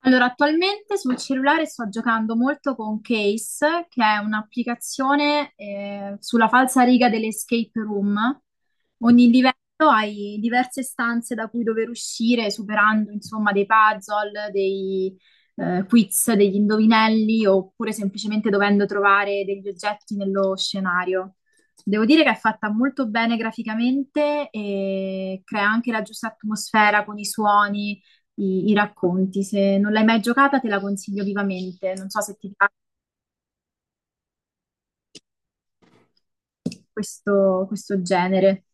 Allora, attualmente sul cellulare sto giocando molto con Case, che è un'applicazione sulla falsariga delle escape room. Ogni livello hai diverse stanze da cui dover uscire, superando insomma dei puzzle, dei quiz, degli indovinelli, oppure semplicemente dovendo trovare degli oggetti nello scenario. Devo dire che è fatta molto bene graficamente e crea anche la giusta atmosfera con i suoni i racconti. Se non l'hai mai giocata, te la consiglio vivamente. Non so se ti piace questo genere.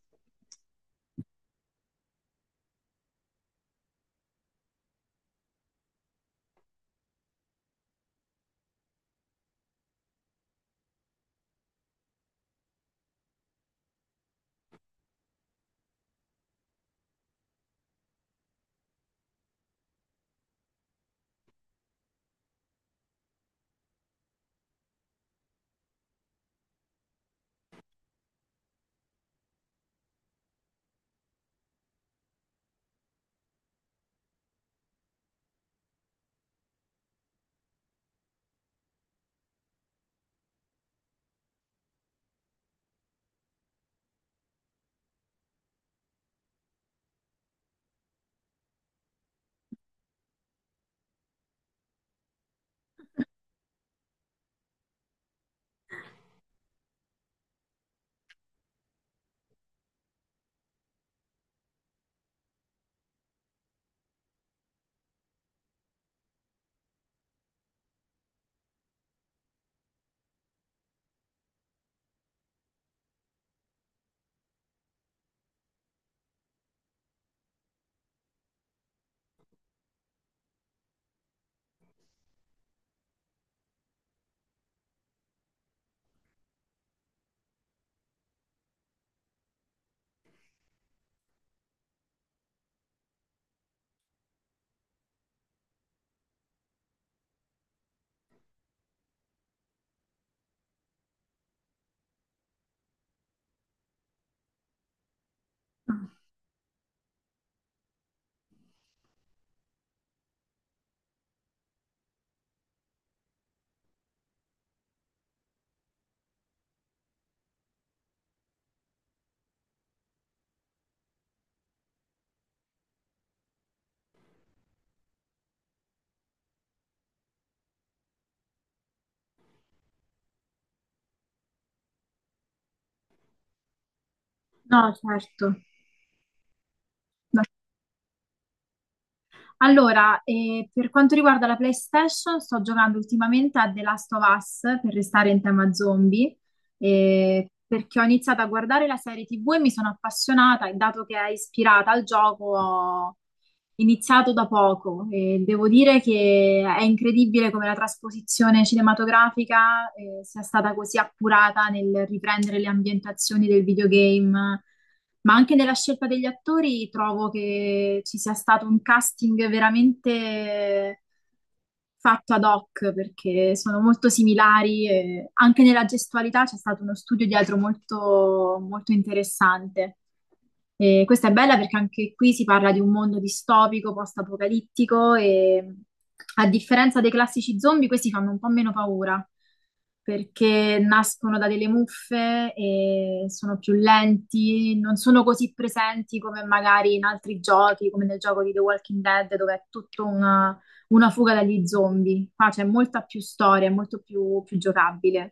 No, certo. No. Allora, per quanto riguarda la PlayStation, sto giocando ultimamente a The Last of Us per restare in tema zombie, perché ho iniziato a guardare la serie TV e mi sono appassionata e dato che è ispirata al gioco iniziato da poco. E devo dire che è incredibile come la trasposizione cinematografica, sia stata così appurata nel riprendere le ambientazioni del videogame, ma anche nella scelta degli attori trovo che ci sia stato un casting veramente fatto ad hoc, perché sono molto similari, e anche nella gestualità c'è stato uno studio dietro molto, molto interessante. E questa è bella perché anche qui si parla di un mondo distopico, post-apocalittico, e a differenza dei classici zombie, questi fanno un po' meno paura perché nascono da delle muffe e sono più lenti, non sono così presenti come magari in altri giochi, come nel gioco di The Walking Dead, dove è tutto una fuga dagli zombie. Qua c'è molta più storia, è molto più, più giocabile.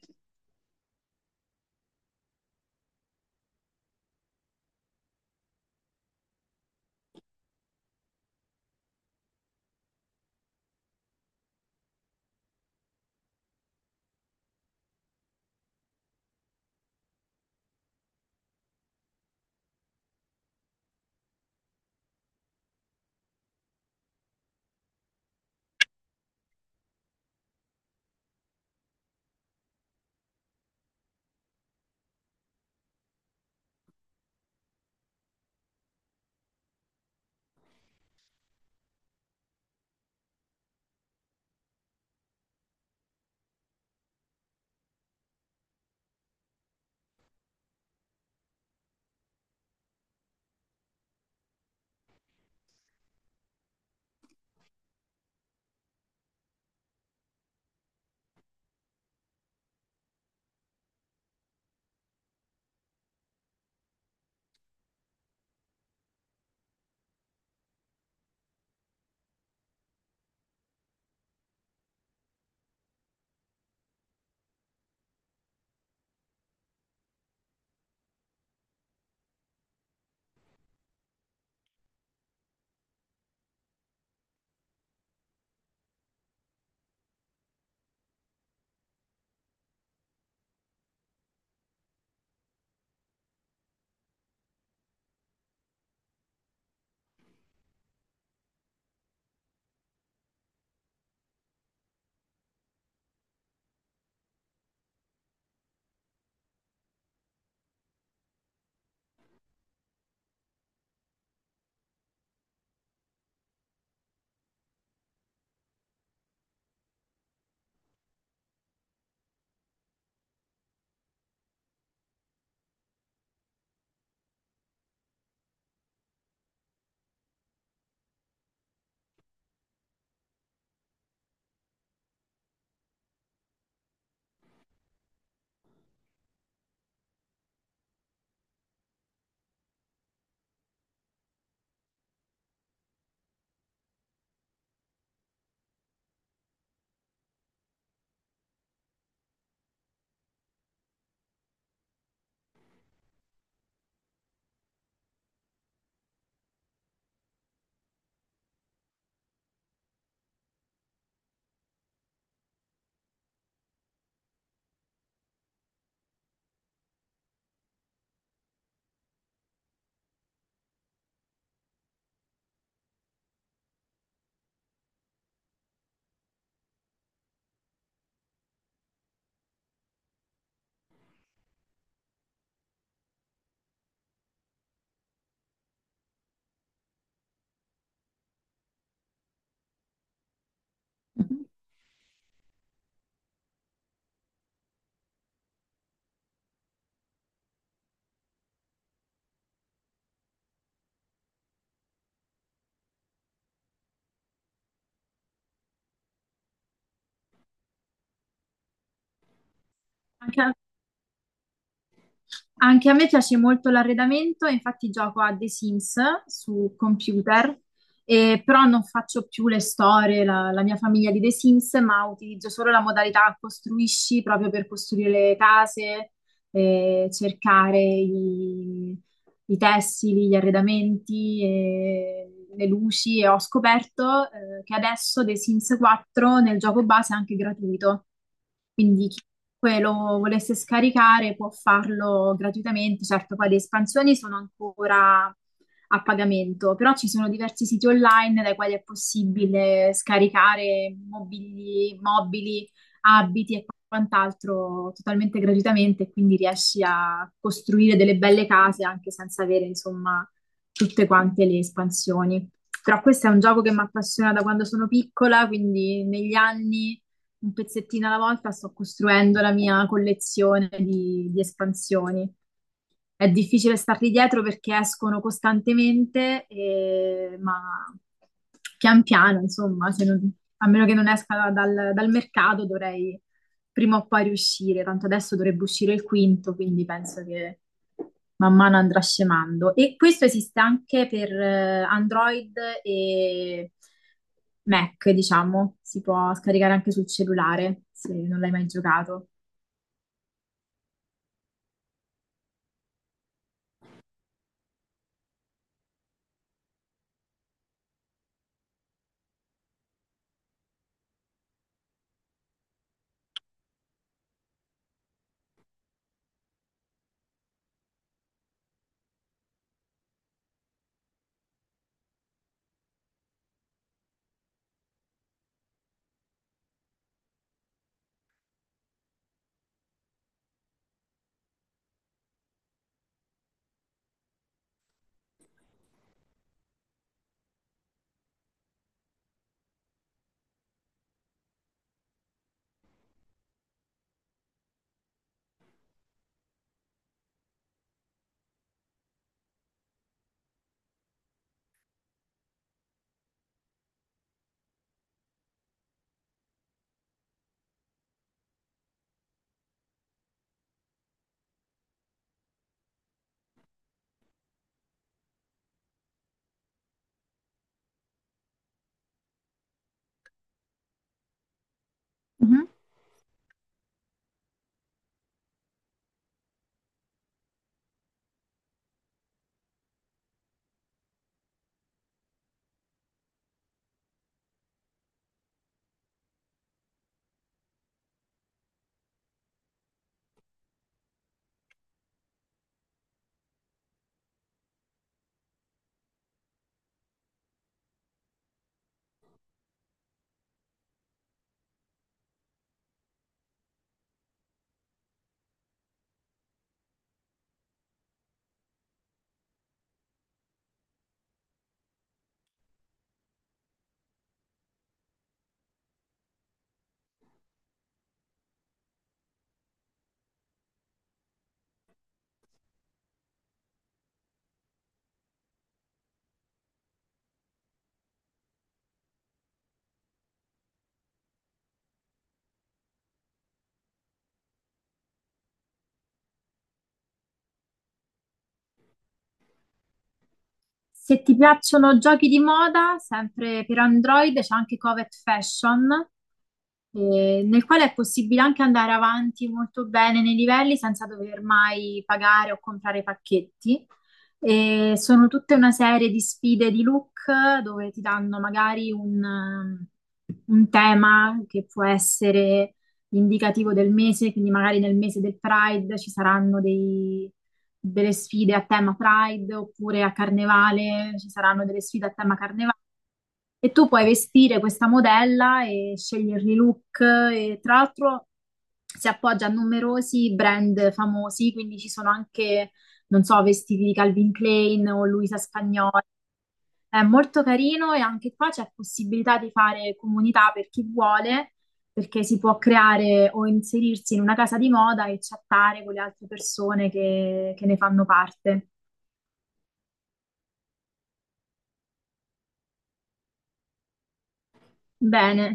Anche a, anche a me piace molto l'arredamento, infatti gioco a The Sims su computer, però non faccio più le storie, la mia famiglia di The Sims, ma utilizzo solo la modalità costruisci proprio per costruire le case, cercare i, i tessili, gli arredamenti, e le luci. E ho scoperto che adesso The Sims 4 nel gioco base è anche gratuito, quindi chiunque lo volesse scaricare può farlo gratuitamente. Certo poi le espansioni sono ancora a pagamento, però ci sono diversi siti online dai quali è possibile scaricare mobili, mobili, abiti e quant'altro totalmente gratuitamente, e quindi riesci a costruire delle belle case anche senza avere, insomma, tutte quante le espansioni. Però questo è un gioco che mi appassiona da quando sono piccola, quindi negli anni un pezzettino alla volta sto costruendo la mia collezione di espansioni. È difficile starli dietro perché escono costantemente, ma pian piano, insomma, se non- a meno che non esca dal, dal mercato, dovrei prima o poi riuscire, tanto adesso dovrebbe uscire il quinto, quindi penso che man mano andrà scemando. E questo esiste anche per Android e Mac, diciamo, si può scaricare anche sul cellulare se non l'hai mai giocato. Mhm. Se ti piacciono giochi di moda, sempre per Android c'è anche Covet Fashion, nel quale è possibile anche andare avanti molto bene nei livelli senza dover mai pagare o comprare pacchetti. E sono tutta una serie di sfide di look, dove ti danno magari un tema che può essere indicativo del mese. Quindi magari nel mese del Pride ci saranno dei delle sfide a tema Pride, oppure a Carnevale, ci saranno delle sfide a tema Carnevale e tu puoi vestire questa modella e scegliergli i look. E tra l'altro si appoggia a numerosi brand famosi, quindi ci sono anche, non so, vestiti di Calvin Klein o Luisa Spagnola. È molto carino, e anche qua c'è possibilità di fare comunità per chi vuole, perché si può creare o inserirsi in una casa di moda e chattare con le altre persone che ne fanno parte. Bene.